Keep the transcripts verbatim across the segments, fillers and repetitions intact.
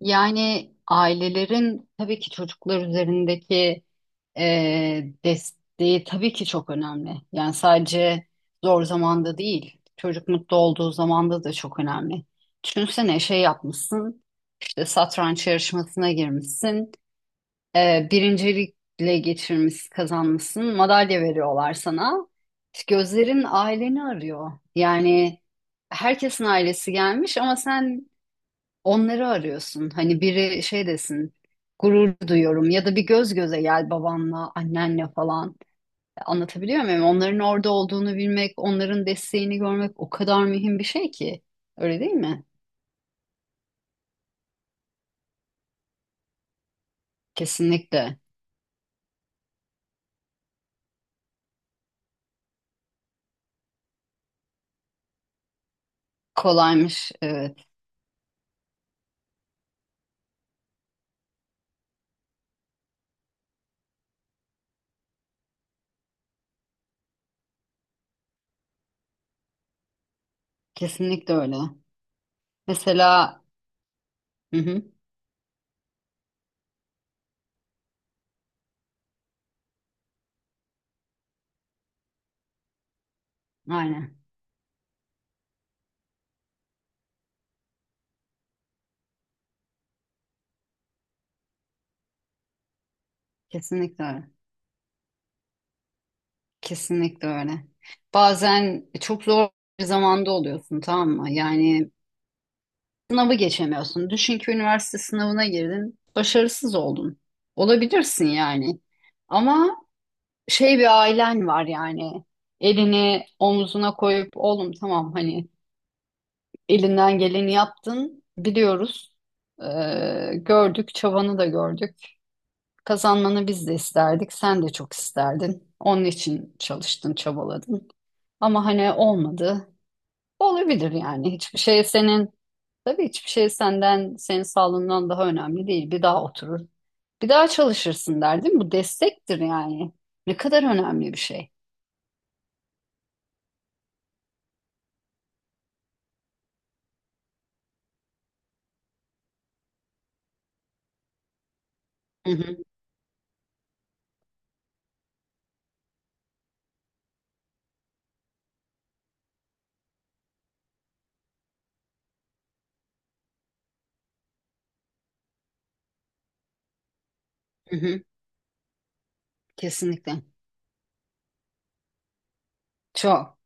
Yani ailelerin tabii ki çocuklar üzerindeki eee, desteği tabii ki çok önemli. Yani sadece zor zamanda değil, çocuk mutlu olduğu zamanda da çok önemli. Düşünsene şey yapmışsın, işte satranç yarışmasına girmişsin, eee birincilikle geçirmiş, kazanmışsın, madalya veriyorlar sana. İşte Gözlerin aileni arıyor. Yani herkesin ailesi gelmiş ama sen Onları arıyorsun. Hani biri şey desin, gurur duyuyorum ya da bir göz göze gel babanla, annenle falan. Anlatabiliyor muyum? Onların orada olduğunu bilmek, onların desteğini görmek o kadar mühim bir şey ki. Öyle değil mi? Kesinlikle. Kolaymış. Evet. Kesinlikle öyle. Mesela. Hı hı. Aynen. Kesinlikle öyle. Kesinlikle öyle. Bazen çok zor bir zamanda oluyorsun, tamam mı? Yani Sınavı geçemiyorsun. Düşün ki üniversite sınavına girdin, başarısız oldun. Olabilirsin yani. Ama şey bir ailen var yani. Elini omuzuna koyup oğlum tamam hani elinden geleni yaptın biliyoruz. Ee, gördük, çabanı da gördük. Kazanmanı biz de isterdik, sen de çok isterdin. Onun için çalıştın, çabaladın. Ama hani olmadı. Olabilir yani. Hiçbir şey senin Tabii hiçbir şey senden, senin sağlığından daha önemli değil. Bir daha oturur, bir daha çalışırsın der, değil mi? Bu destektir yani. Ne kadar önemli bir şey. Hı hı, hı hı. Kesinlikle. Çok.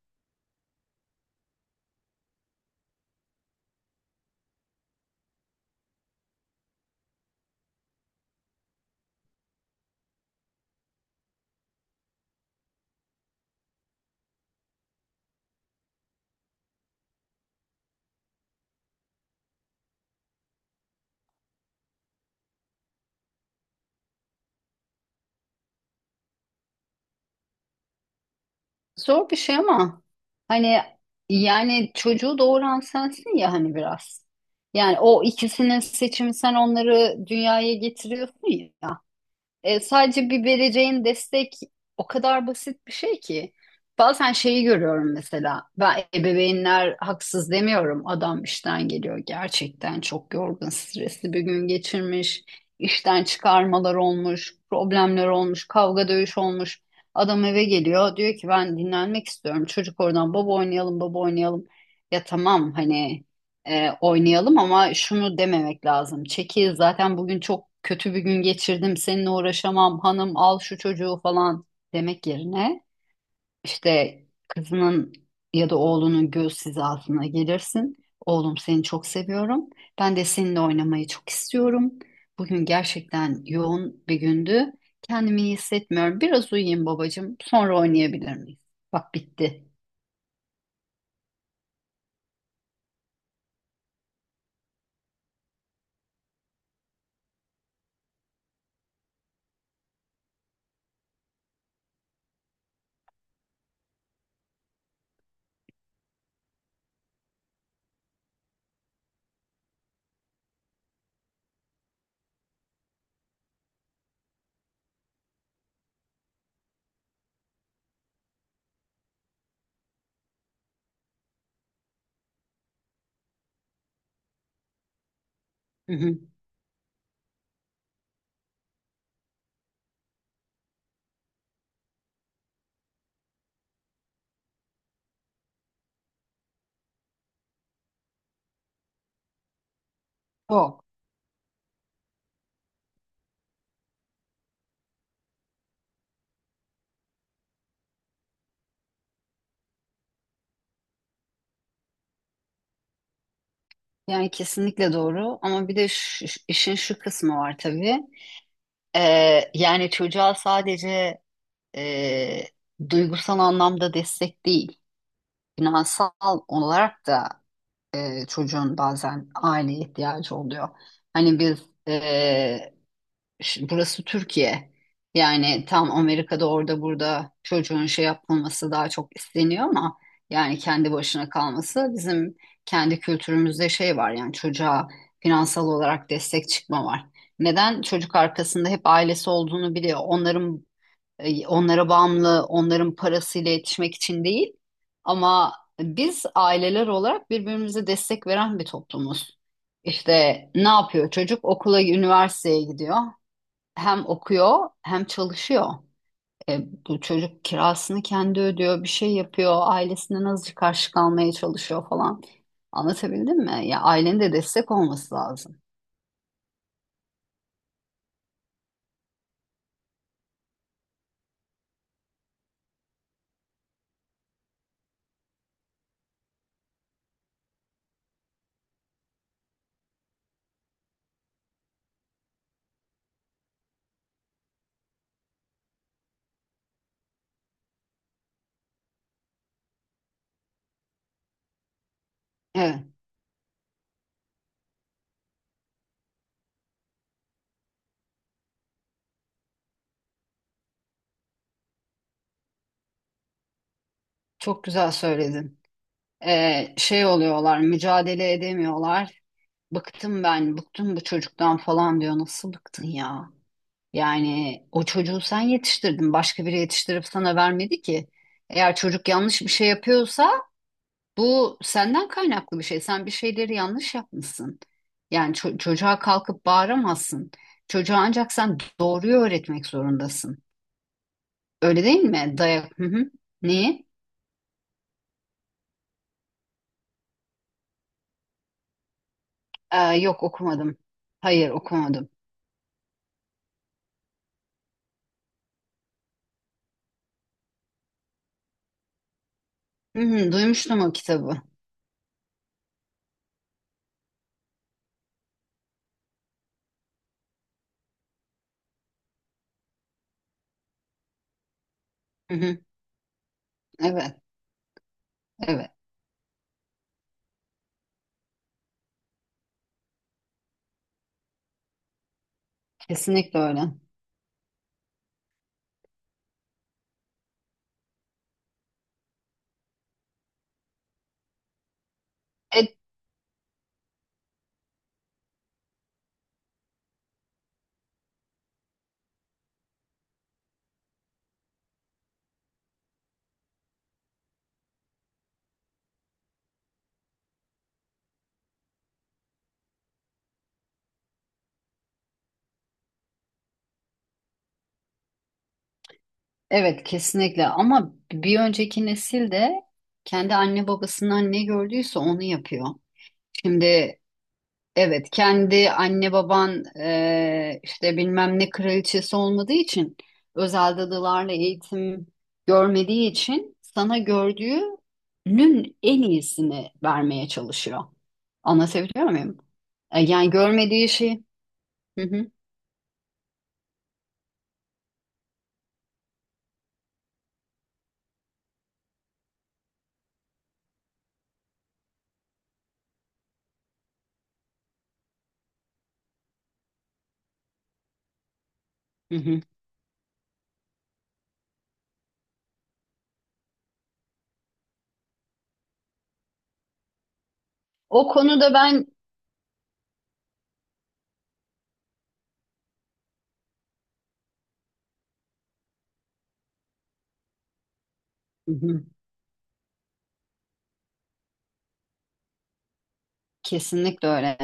Zor bir şey ama hani yani çocuğu doğuran sensin ya hani biraz. Yani o ikisinin seçimi, sen onları dünyaya getiriyorsun ya. E, sadece bir vereceğin destek o kadar basit bir şey ki. Bazen şeyi görüyorum mesela. Ben ebeveynler haksız demiyorum. Adam işten geliyor, gerçekten çok yorgun, stresli bir gün geçirmiş. İşten çıkarmalar olmuş, problemler olmuş, kavga dövüş olmuş. Adam eve geliyor diyor ki ben dinlenmek istiyorum. Çocuk oradan baba oynayalım, baba oynayalım. Ya tamam, hani e, oynayalım, ama şunu dememek lazım. Çekil, zaten bugün çok kötü bir gün geçirdim, seninle uğraşamam, hanım al şu çocuğu falan demek yerine işte kızının ya da oğlunun göz hizasına gelirsin. Oğlum, seni çok seviyorum. Ben de seninle oynamayı çok istiyorum. Bugün gerçekten yoğun bir gündü. Kendimi iyi hissetmiyorum. Biraz uyuyayım babacığım. Sonra oynayabilir miyiz? Bak, bitti. Hı hı. O. Yani kesinlikle doğru, ama bir de şu- işin şu kısmı var tabii. Ee, yani çocuğa sadece e, duygusal anlamda destek değil, finansal olarak da e, çocuğun bazen aileye ihtiyacı oluyor. Hani biz e, Şimdi burası Türkiye. Yani tam Amerika'da orada burada çocuğun şey yapılması daha çok isteniyor ama yani kendi başına kalması bizim kendi kültürümüzde şey var yani çocuğa finansal olarak destek çıkma var. Neden? Çocuk arkasında hep ailesi olduğunu biliyor. Onların e, onlara bağımlı, onların parasıyla yetişmek için değil. Ama biz aileler olarak birbirimize destek veren bir toplumuz. İşte ne yapıyor çocuk? Okula, üniversiteye gidiyor, hem okuyor hem çalışıyor. E, Bu çocuk kirasını kendi ödüyor, bir şey yapıyor, ailesinden azıcık karşı kalmaya çalışıyor falan. Anlatabildim mi? Ya ailenin de destek olması lazım. Evet, çok güzel söyledin. E, şey oluyorlar, mücadele edemiyorlar. Bıktım ben, bıktım bu çocuktan falan diyor. Nasıl bıktın ya? Yani o çocuğu sen yetiştirdin, başka biri yetiştirip sana vermedi ki. Eğer çocuk yanlış bir şey yapıyorsa Bu senden kaynaklı bir şey. Sen bir şeyleri yanlış yapmışsın. Yani ço- çocuğa kalkıp bağıramazsın. Çocuğa ancak sen doğruyu öğretmek zorundasın. Öyle değil mi? Dayak. Hı hı. Niye? Aa, yok okumadım. Hayır okumadım. Hı hı, duymuştum o kitabı. Hı hı. Evet, evet. Kesinlikle öyle. E- evet, kesinlikle. Ama bir önceki nesil de kendi anne babasından ne gördüyse onu yapıyor. Şimdi. Evet, kendi anne baban eee, işte bilmem ne kraliçesi olmadığı için özel dadılarla eğitim görmediği için sana gördüğünün en iyisini vermeye çalışıyor. Anlatabiliyor muyum? E, yani görmediği şey. Hı hı, hı hı. O konuda ben. Hı hı. Kesinlikle öyle.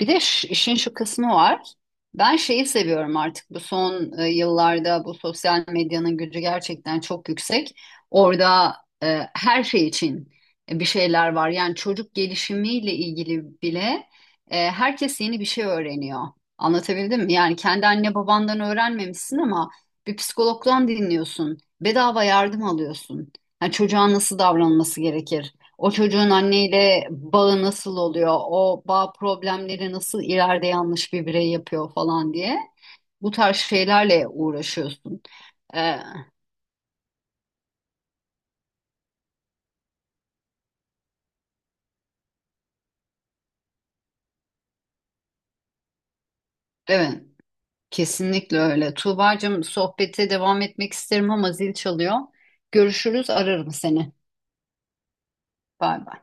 Bir de ş- işin şu kısmı var. Ben şeyi seviyorum artık bu son e, yıllarda bu sosyal medyanın gücü gerçekten çok yüksek. Orada e, her şey için e, bir şeyler var. Yani çocuk gelişimiyle ilgili bile e, herkes yeni bir şey öğreniyor. Anlatabildim mi? Yani kendi anne babandan öğrenmemişsin ama bir psikologdan dinliyorsun. Bedava yardım alıyorsun. Yani çocuğa nasıl davranması gerekir? O çocuğun anneyle bağı nasıl oluyor? O bağ problemleri nasıl ileride yanlış bir birey yapıyor falan diye. Bu tarz şeylerle uğraşıyorsun. Ee, evet, kesinlikle öyle. Tuğbacığım sohbete devam etmek isterim ama zil çalıyor. Görüşürüz, ararım seni. Bay bay.